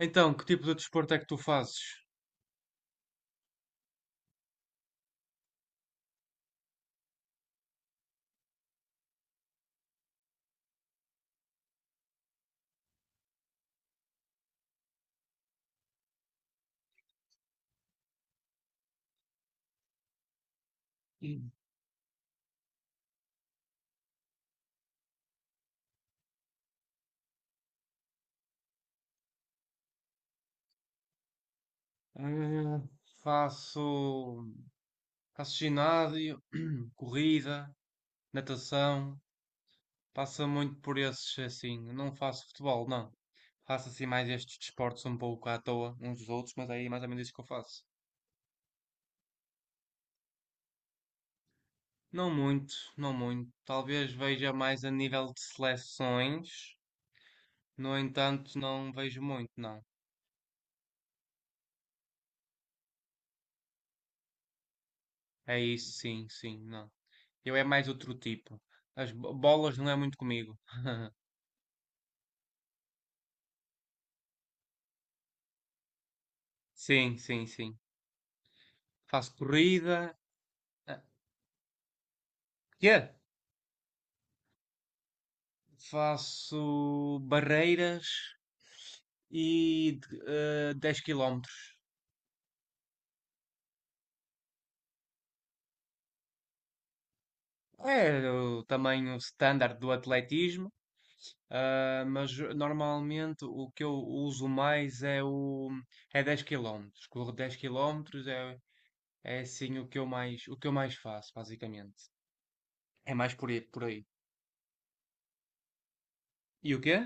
Então, que tipo de desporto é que tu fazes? Hum, faço, faço ginásio, corrida, natação, passa muito por esses assim. Não faço futebol, não. Faço assim mais estes desportos um pouco à toa, uns dos outros, mas aí é mais ou menos isso que eu faço. Não muito, não muito. Talvez veja mais a nível de seleções, no entanto, não vejo muito, não. É isso, sim, sim, não. Eu é mais outro tipo. As bolas não é muito comigo. Sim, sim, sim. Faço corrida, ah, quê? Faço barreiras e 10 km. É o tamanho standard do atletismo, mas normalmente o que eu uso mais é o é 10 quilómetros. Corro dez quilómetros é assim o que eu mais faço, basicamente. É mais por aí, por aí. E o quê?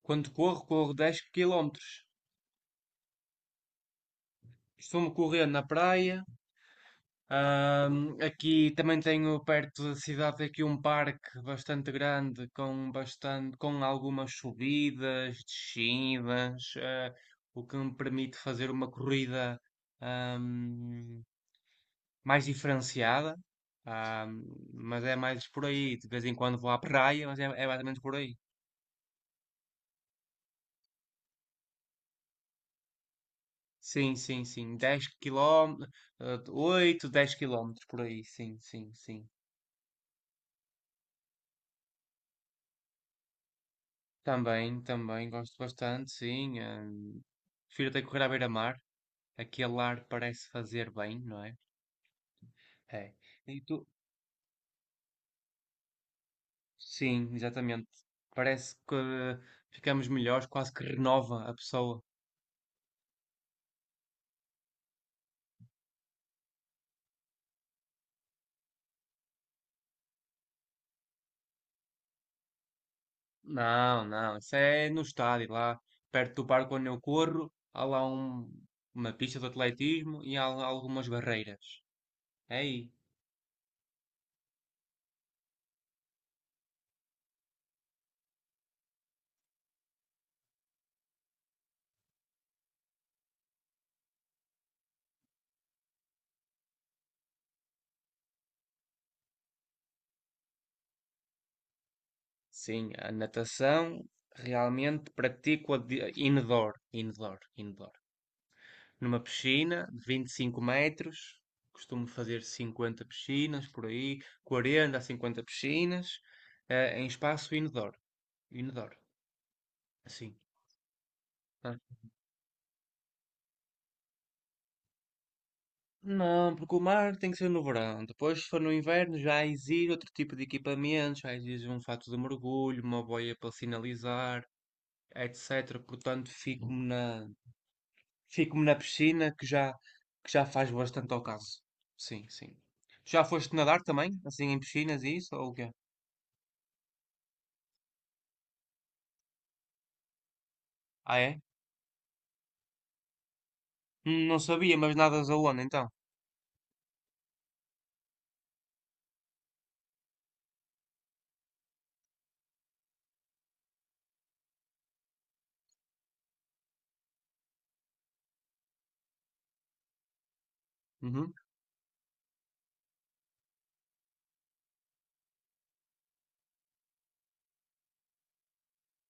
Quando corro, corro 10 km. Costumo correr na praia. Aqui também tenho perto da cidade aqui um parque bastante grande com algumas subidas, descidas, o que me permite fazer uma corrida ahm, mais diferenciada. Ahm, mas é mais por aí, de vez em quando vou à praia, mas é basicamente por aí. Sim, sim, sim. 10 quilómetros, 8, 10 quilómetros por aí, sim, sim, sim. Também, também gosto bastante, sim. Prefiro até correr à beira-mar. Aquele ar parece fazer bem, não é? É. E tu? Sim, exatamente. Parece que ficamos melhores, quase que renova a pessoa. Não, não, isso é no estádio, lá perto do parque onde eu corro, há lá uma pista de atletismo e há lá algumas barreiras. É aí, sim, a natação realmente pratico a indoor, indoor, numa piscina de 25 metros. Costumo fazer 50 piscinas por aí, 40 a 50 piscinas, em espaço indoor. Indoor, assim. Tá? Não, porque o mar tem que ser no verão. Depois, se for no inverno, já exige outro tipo de equipamento, já exige um fato de mergulho, uma boia para sinalizar, etc. Portanto, fico-me na piscina que já faz bastante ao caso. Sim, sim. Já foste nadar também? Assim, em piscinas e isso? Ou o quê? Ah, é? Não sabia, mas nadas aonde então? Uhum,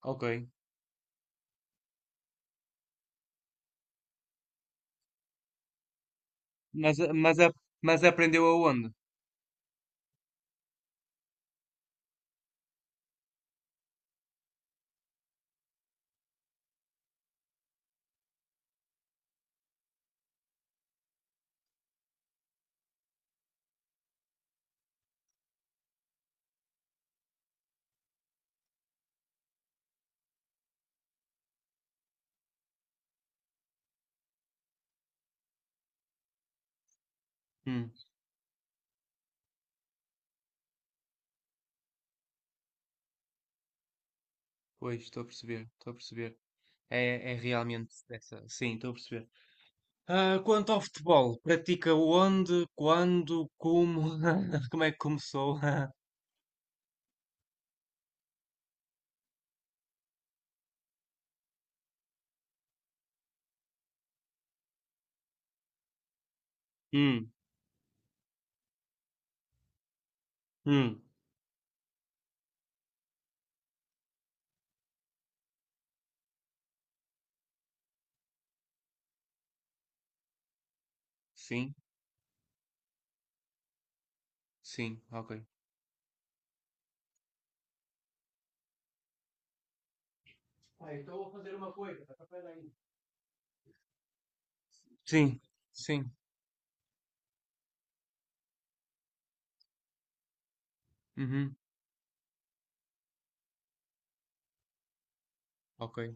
ok. Mas, a- mas, a- mas aprendeu aonde? Hum, pois, estou a perceber, estou a perceber. É, é realmente essa. Sim, estou a perceber. Ah, quanto ao futebol, pratica onde, quando, como? Como é que começou? Hum, hum. Sim, sim, ok. Ah, então vou fazer uma coisa. Espera aí. Sim, sim. Uhum, ok.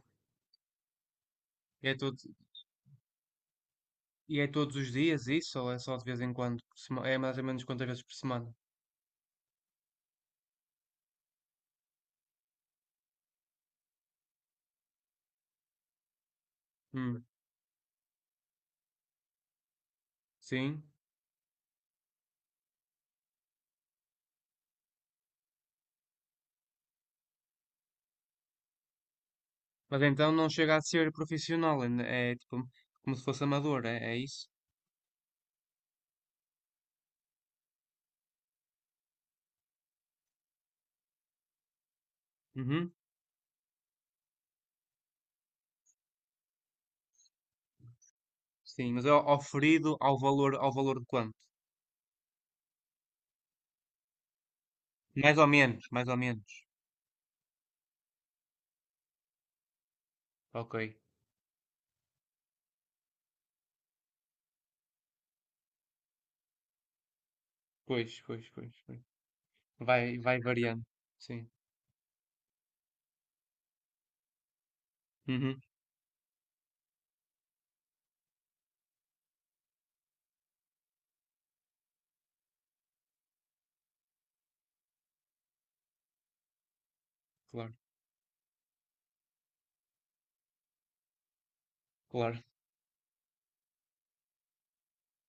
É tudo. E é todos os dias isso ou é só de vez em quando? É mais ou menos quantas vezes por semana? Hum, sim. Mas então não chega a ser profissional, ainda é tipo como se fosse amador, é, é isso? Uhum, sim, mas é oferido ao valor de quanto? Mais ou menos, mais ou menos. Ok. Pois, pois, pois, pois. Vai, vai variando. Sim. Uhum, claro, claro.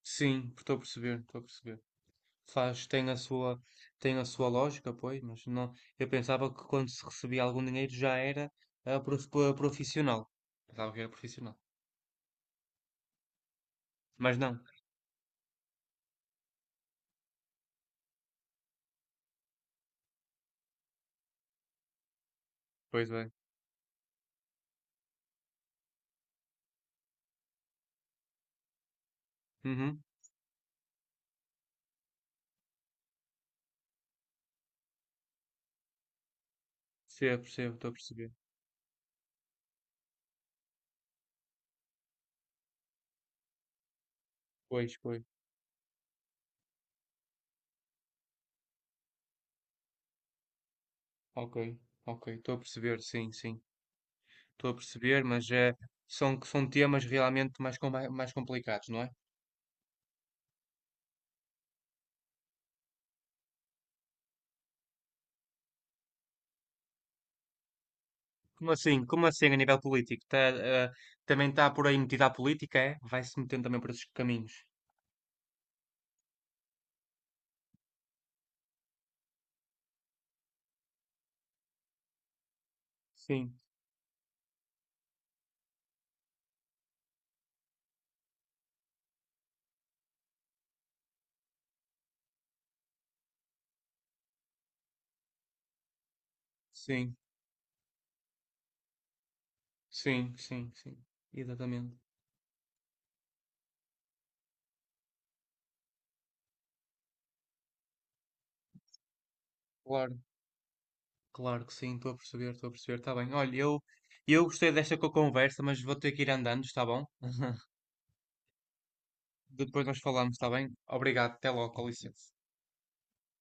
Sim, estou a perceber, estou a perceber. Faz, tem a sua lógica, pois, mas não, eu pensava que quando se recebia algum dinheiro já era profissional. Pensava que era profissional. Mas não, pois bem. Uhum. Percebo, percebo, estou a perceber. Pois, pois. Ok, ok, estou a perceber, sim, sim. Estou a perceber, mas é, são, são temas realmente mais, mais complicados, não é? Como assim? Como assim a nível político? Tá, ah, também está por aí metida a política, é? Vai-se metendo também por esses caminhos. Sim, sim. Sim, sim, sim. Exatamente. Claro, claro que sim, estou a perceber, estou a perceber. Está bem. Olha, eu gostei desta conversa, mas vou ter que ir andando, está bom? Depois nós falamos, está bem? Obrigado, até logo, com licença.